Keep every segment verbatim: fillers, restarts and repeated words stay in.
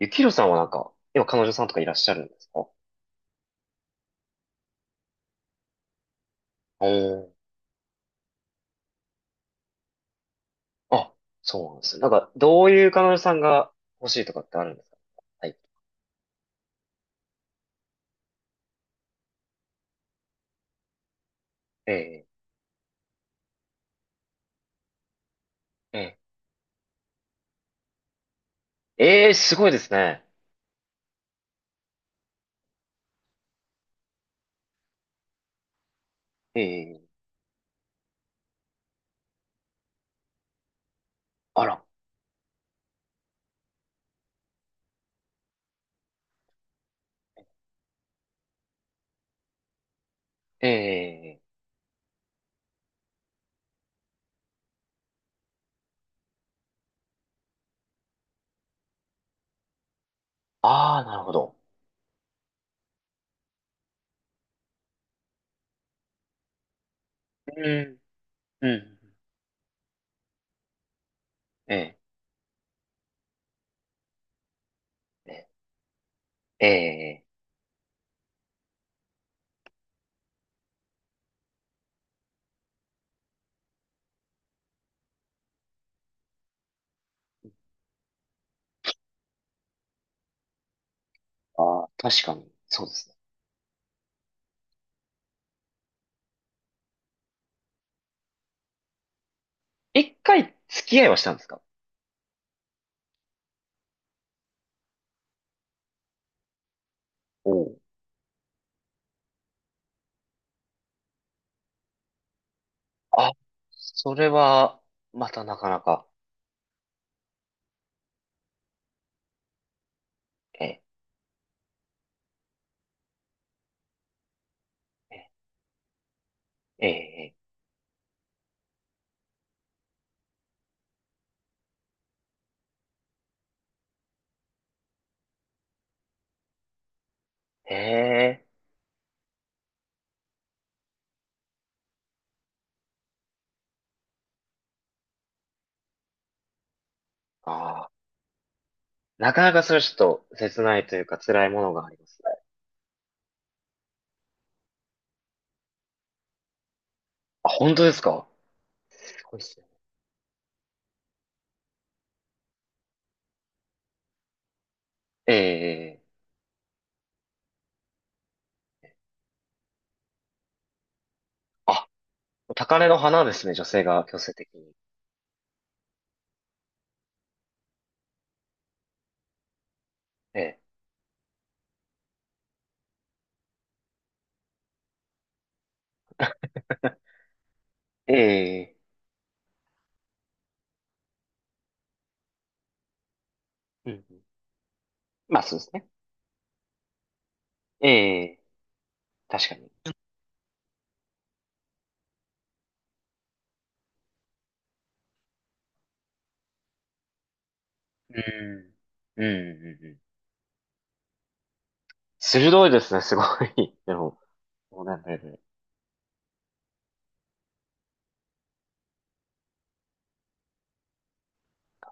ゆきひろさんはなんか、今彼女さんとかいらっしゃるんですか？おー。あ、そうなんですね。なんか、どういう彼女さんが欲しいとかってあるんですか？はい。ええ、ええ、えーすごいですね。ええ、あら。ええ、ああ、なるほど。うん、うん、ええ、ええ、ええ。ああ、確かに、そうですね。一回付き合いはしたんですか？おおー。あ、それは、またなかなか、ええ、ええ、ええ、ええ、ああ。なかなかそれはちょっと切ないというか辛いものがありますね。あ、本当ですか？すごいですね。ええ。あ、高嶺の花ですね、女性が強制的に。ええええ。うんうん。まあそうですね。えええ。確かに。うん。うん、うん、うん。鋭いですね、すごい。でも、もうなんかね、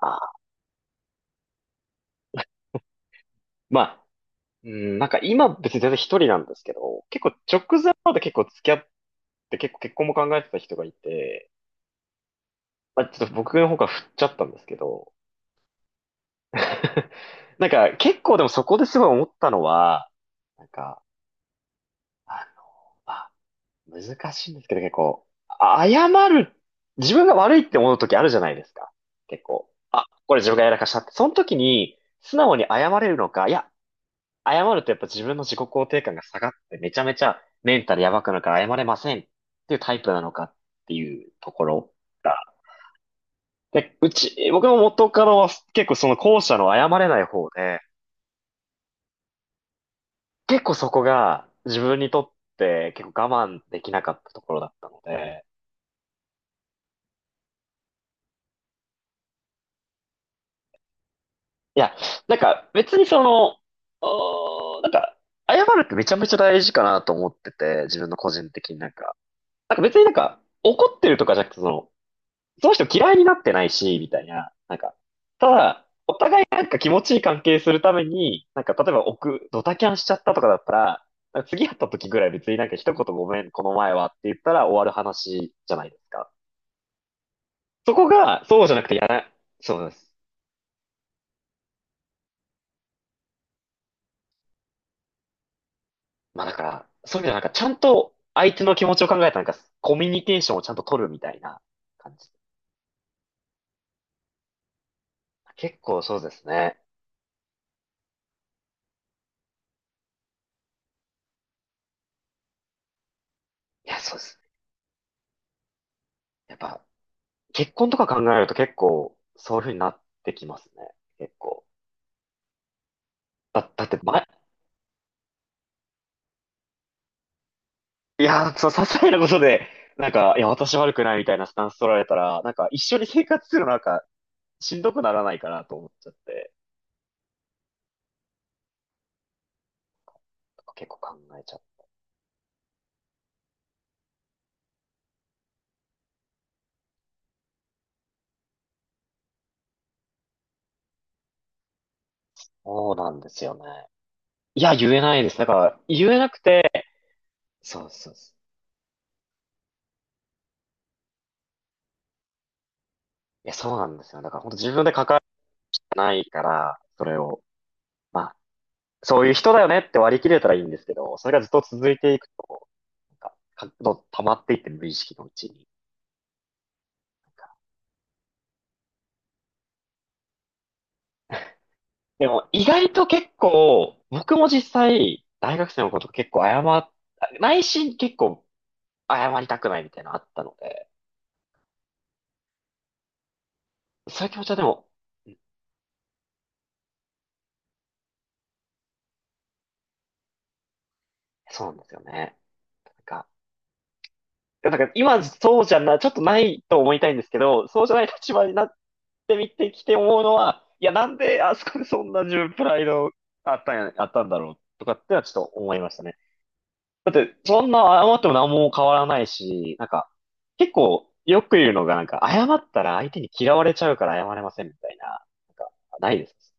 あー、まあ、うん、なんか今別に全然一人なんですけど、結構直前まで結構付き合って結構結婚も考えてた人がいて、まあ、ちょっと僕の方から振っちゃったんですけど、なんか、結構でもそこですごい思ったのは、なんか、あの、まあ、難しいんですけど、結構、あ謝る、自分が悪いって思う時あるじゃないですか。結構、あ、これ自分がやらかしたって。その時に、素直に謝れるのか、いや、謝るとやっぱ自分の自己肯定感が下がって、めちゃめちゃメンタルやばくなるから謝れませんっていうタイプなのかっていうところが。で、うち、僕も元からは結構その後者の謝れない方で、結構そこが自分にとって結構我慢できなかったところだったので、いや、なんか別にその、おーなんか、謝るってめちゃめちゃ大事かなと思ってて、自分の個人的になんか。なんか別になんか怒ってるとかじゃなくて、その、その人嫌いになってないし、みたいな。なんか、ただ、お互いなんか気持ちいい関係するために、なんか例えば奥、ドタキャンしちゃったとかだったら、なんか次会った時ぐらい別になんか一言ごめん、この前はって言ったら終わる話じゃないですか。そこが、そうじゃなくてやら、そうです。まあだから、そういう意味ではなんかちゃんと相手の気持ちを考えたなんかコミュニケーションをちゃんと取るみたいな感じ。結構そうですね。いや、そうです。やっぱ、結婚とか考えると結構、そういう風になってきますね。結構。だ、だって前、いやー、そう、些細なことで、なんか、いや、私悪くないみたいなスタンス取られたら、なんか一緒に生活するのなんか、しんどくならないかなと思っちゃって、結構考えちゃう。そうなんですよね。いや、言えないです。だから、言えなくて、そうそうそう。いや、そうなんですよ。だから、本当自分で関わらないから、それを、まあ、そういう人だよねって割り切れたらいいんですけど、それがずっと続いていくと、なんか、かどんどん溜まっていって無意識のうちに。なんかでも、意外と結構、僕も実際、大学生のこと結構謝っ、内心結構謝りたくないみたいなのあったので、そういう気持ちはでも、うん。そうなんですよね。なんかだから今そうじゃな、ちょっとないと思いたいんですけど、そうじゃない立場になってみてきて思うのは、いや、なんであそこでそんな自分プライドあったんや、あったんだろうとかってのはちょっと思いましたね。だって、そんな謝っても何も変わらないし、なんか、結構よく言うのが、なんか、謝ったら相手に嫌われちゃうから謝れませんみたいな、なんか、ないです。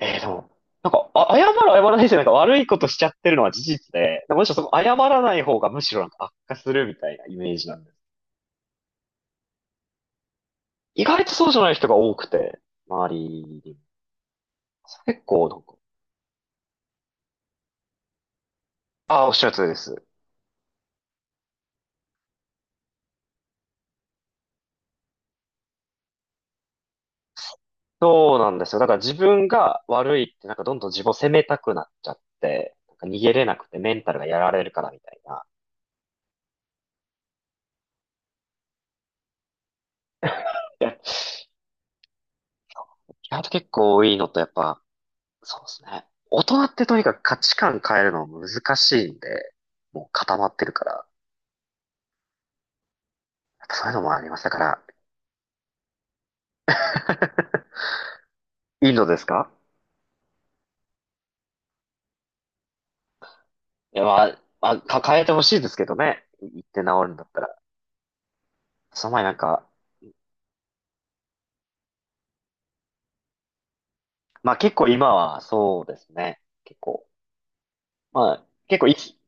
えー、でも、なんか、あ、謝る謝らないじゃなんか悪いことしちゃってるのは事実で、むしろその謝らない方がむしろなんか悪化するみたいなイメージなんで。意外とそうじゃない人が多くて、周りに。結構、なんか、ああ、おっしゃる通りです。そうなんですよ。だから自分が悪いって、なんかどんどん自分を責めたくなっちゃって、なんか逃げれなくてメンタルがやられるからみたいな。いや、意外と結構多いのと、やっぱ、そうですね。大人ってとにかく価値観変えるの難しいんで、もう固まってるから、やっぱそういうのもあります。だから、インドですか？いや、まあ、まあ、か変えてほしいですけどね。行って治るんだったら。その前なんか、まあ結構今はそうですね。結構。まあ結構いき、い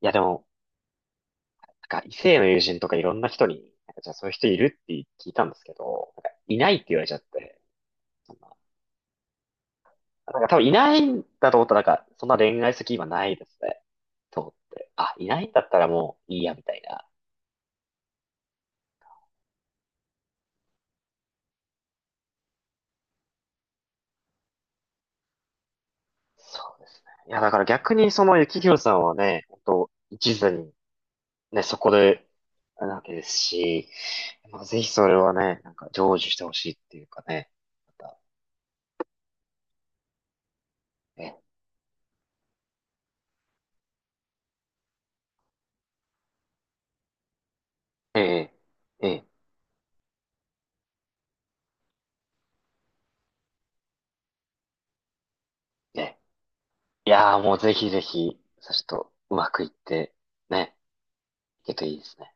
やでも、なんか異性の友人とかいろんな人に、なんかじゃあそういう人いるって聞いたんですけど、なんかいないって言われちゃって、そんな、なんか多分いないんだと思ったらなんかそんな恋愛先き今ないですね。と思って。あ、いないんだったらもういいやみたいな。そうですね。いやだから逆にその幸宏さんはね、本当一途にね、そこで、なわけですし、まあ、ぜひそれはね、なんか成就してほしいっていうかね、またね、えーええ、ええ、ね。いやーもうぜひぜひ、さしとうまくいって、ね、いけるといいですね。